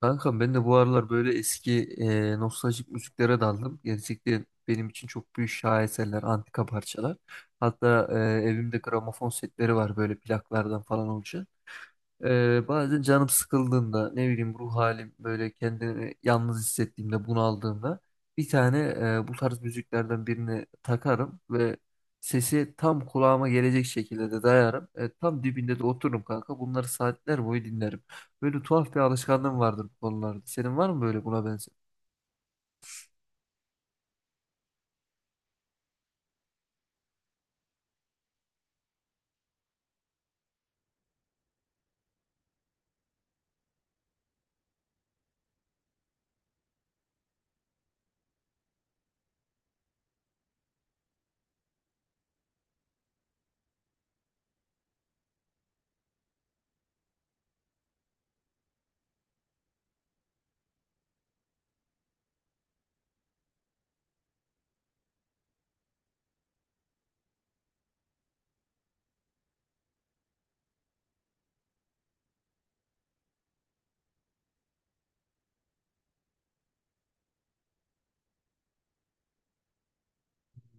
Kankam ben de bu aralar böyle eski nostaljik müziklere daldım. Gerçekten benim için çok büyük şaheserler, antika parçalar. Hatta evimde gramofon setleri var böyle plaklardan falan olacak. Bazen canım sıkıldığında ne bileyim ruh halim böyle kendimi yalnız hissettiğimde bunaldığımda bir tane bu tarz müziklerden birini takarım ve sesi tam kulağıma gelecek şekilde de dayarım. Tam dibinde de otururum kanka. Bunları saatler boyu dinlerim. Böyle tuhaf bir alışkanlığım vardır bu konularda. Senin var mı böyle buna benzer?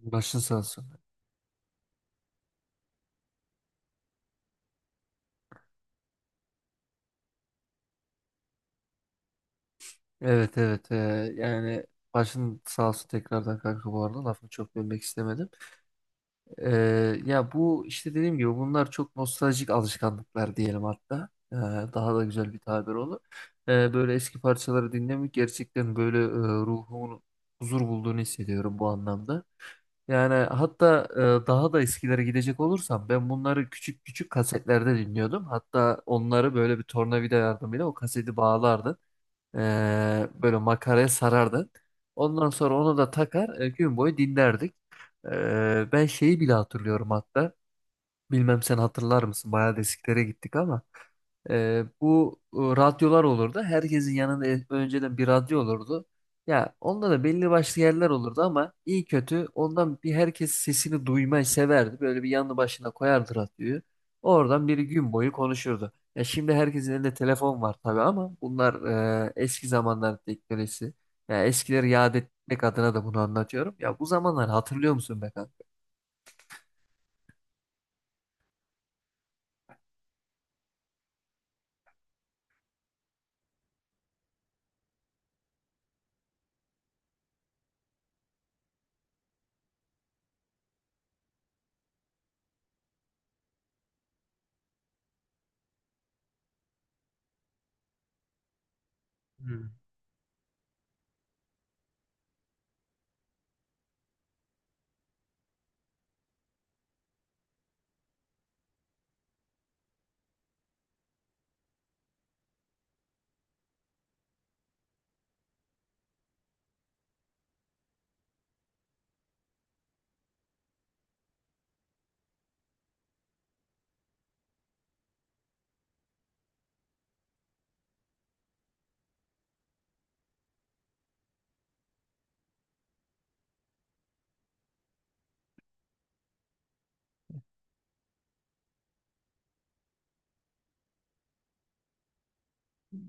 Başın sağ olsun. Evet, evet, yani başın sağ olsun tekrardan kanka, bu arada lafını çok bölmek istemedim. Ya bu işte dediğim gibi bunlar çok nostaljik alışkanlıklar diyelim hatta. Daha da güzel bir tabir olur. Böyle eski parçaları dinlemek gerçekten böyle ruhumun huzur bulduğunu hissediyorum bu anlamda. Yani hatta daha da eskilere gidecek olursam ben bunları küçük küçük kasetlerde dinliyordum. Hatta onları böyle bir tornavida yardımıyla o kaseti bağlardım. Böyle makaraya sarardın. Ondan sonra onu da takar, gün boyu dinlerdik. Ben şeyi bile hatırlıyorum hatta. Bilmem sen hatırlar mısın? Bayağı desiklere gittik ama bu radyolar olurdu. Herkesin yanında önceden bir radyo olurdu. Ya onda da belli başlı yerler olurdu ama iyi kötü ondan bir herkes sesini duymayı severdi. Böyle bir yanı başına koyardı radyoyu. Oradan biri gün boyu konuşurdu. Ya şimdi herkesin elinde telefon var tabii ama bunlar eski zamanlar teknolojisi. Ya eskileri yad etmek adına da bunu anlatıyorum. Ya bu zamanları hatırlıyor musun be kanka?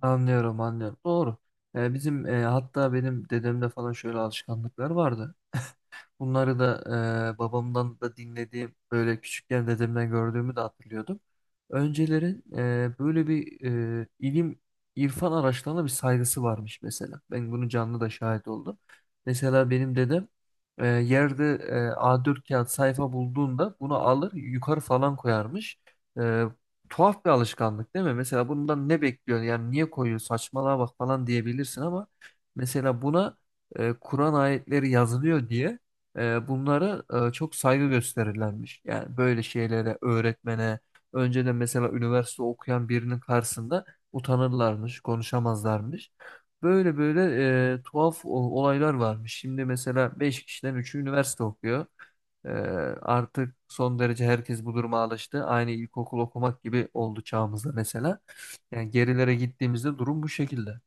Anlıyorum, anlıyorum. Doğru. Bizim hatta benim dedemde falan şöyle alışkanlıklar vardı. Bunları da babamdan da dinlediğim, böyle küçükken dedemden gördüğümü de hatırlıyordum. Öncelerin böyle bir ilim irfan araçlarına bir saygısı varmış mesela. Ben bunu canlı da şahit oldum. Mesela benim dedem yerde A4 kağıt sayfa bulduğunda bunu alır yukarı falan koyarmış. E, tuhaf bir alışkanlık değil mi? Mesela bundan ne bekliyor? Yani niye koyuyor? Saçmalığa bak falan diyebilirsin ama mesela buna Kur'an ayetleri yazılıyor diye bunlara çok saygı gösterirlermiş. Yani böyle şeylere, öğretmene, önceden mesela üniversite okuyan birinin karşısında utanırlarmış, konuşamazlarmış. Böyle böyle tuhaf olaylar varmış. Şimdi mesela 5 kişiden üçü üniversite okuyor. E, artık son derece herkes bu duruma alıştı. Aynı ilkokul okumak gibi oldu çağımızda mesela. Yani gerilere gittiğimizde durum bu şekilde.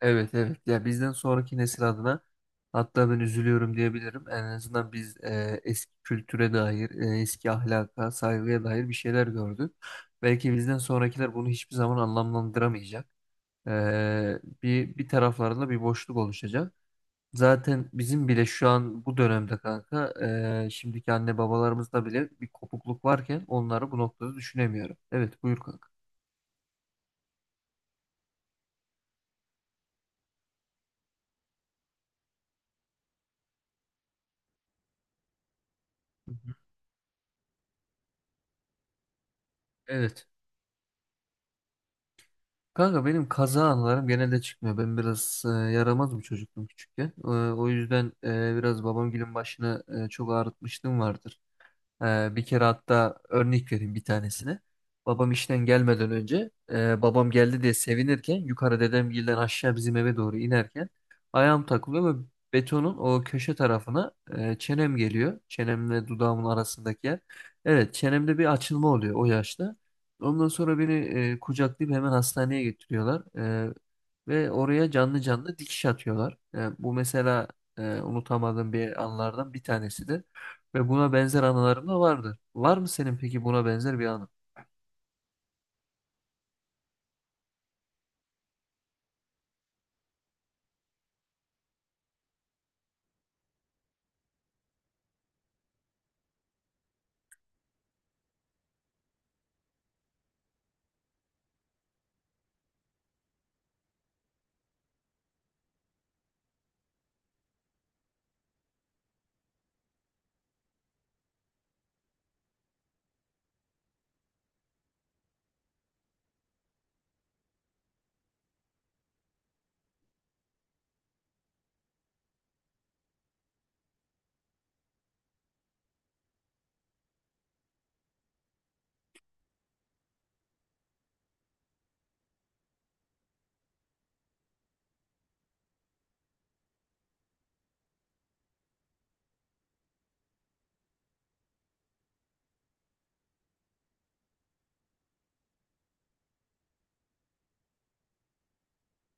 Evet, evet, ya bizden sonraki nesil adına hatta ben üzülüyorum diyebilirim. En azından biz eski kültüre dair, eski ahlaka, saygıya dair bir şeyler gördük. Belki bizden sonrakiler bunu hiçbir zaman anlamlandıramayacak. Bir taraflarında bir boşluk oluşacak. Zaten bizim bile şu an bu dönemde kanka, şimdiki anne babalarımızda bile bir kopukluk varken onları bu noktada düşünemiyorum. Evet, buyur kanka. Hı hı. Evet. Kanka benim kaza anılarım genelde çıkmıyor. Ben biraz yaramaz bir çocuktum küçükken. O yüzden biraz babam gülün başını çok ağrıtmışlığım vardır. Bir kere hatta örnek vereyim bir tanesini. Babam işten gelmeden önce babam geldi diye sevinirken yukarı dedemgilden aşağı bizim eve doğru inerken ayağım takılıyor ve betonun o köşe tarafına çenem geliyor. Çenemle dudağımın arasındaki yer. Evet, çenemde bir açılma oluyor o yaşta. Ondan sonra beni kucaklayıp hemen hastaneye getiriyorlar. Ve oraya canlı canlı dikiş atıyorlar. Bu mesela unutamadığım bir anlardan bir tanesidir. Ve buna benzer anılarım da vardır. Var mı senin peki buna benzer bir anın?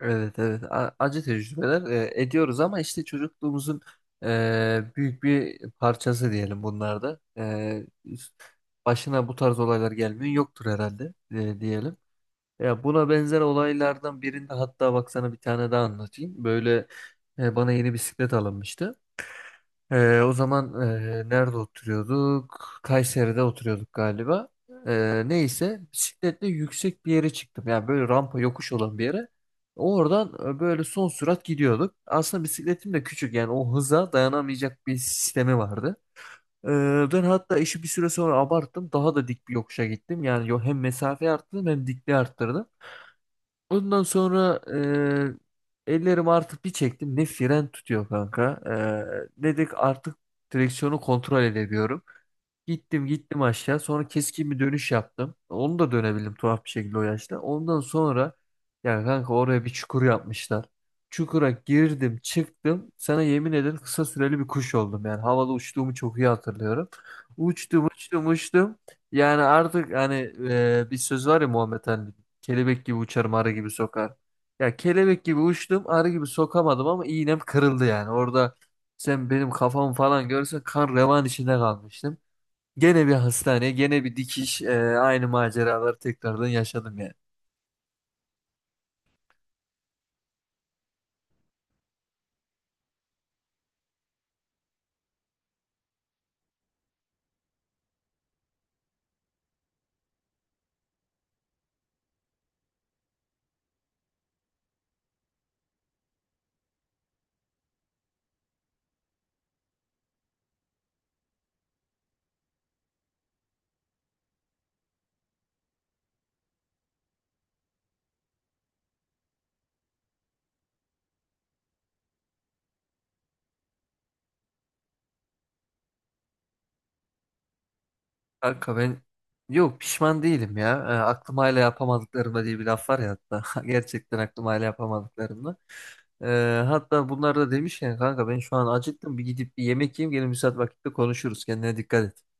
Evet, evet. Acı tecrübeler ediyoruz ama işte çocukluğumuzun büyük bir parçası diyelim bunlarda. Başına bu tarz olaylar gelmiyor yoktur herhalde, diyelim. Ya buna benzer olaylardan birinde hatta bak sana bir tane daha anlatayım. Böyle bana yeni bisiklet alınmıştı. O zaman nerede oturuyorduk? Kayseri'de oturuyorduk galiba. Neyse bisikletle yüksek bir yere çıktım. Yani böyle rampa yokuş olan bir yere. Oradan böyle son sürat gidiyorduk. Aslında bisikletim de küçük, yani o hıza dayanamayacak bir sistemi vardı. Ben hatta işi bir süre sonra abarttım. Daha da dik bir yokuşa gittim. Yani hem mesafeyi arttırdım hem dikliği arttırdım. Ondan sonra ellerimi artık bir çektim. Ne fren tutuyor kanka. Dedik artık direksiyonu kontrol edemiyorum. Gittim gittim aşağı. Sonra keskin bir dönüş yaptım. Onu da dönebildim tuhaf bir şekilde o yaşta. Ondan sonra ya kanka, oraya bir çukur yapmışlar. Çukura girdim çıktım. Sana yemin ederim kısa süreli bir kuş oldum. Yani havada uçtuğumu çok iyi hatırlıyorum. Uçtum uçtum uçtum. Yani artık hani bir söz var ya Muhammed Ali'nin. Kelebek gibi uçarım, arı gibi sokar. Ya kelebek gibi uçtum, arı gibi sokamadım ama iğnem kırıldı yani. Orada sen benim kafamı falan görsen kan revan içinde kalmıştım. Gene bir hastane, gene bir dikiş, aynı maceraları tekrardan yaşadım yani. Kanka ben, yok, pişman değilim ya. Aklım hala yapamadıklarımda diye bir laf var ya hatta. Gerçekten aklım hala yapamadıklarımda. E, hatta bunlar da demişken kanka ben şu an acıktım. Bir gidip bir yemek yiyeyim. Gene müsait vakitte konuşuruz. Kendine dikkat et.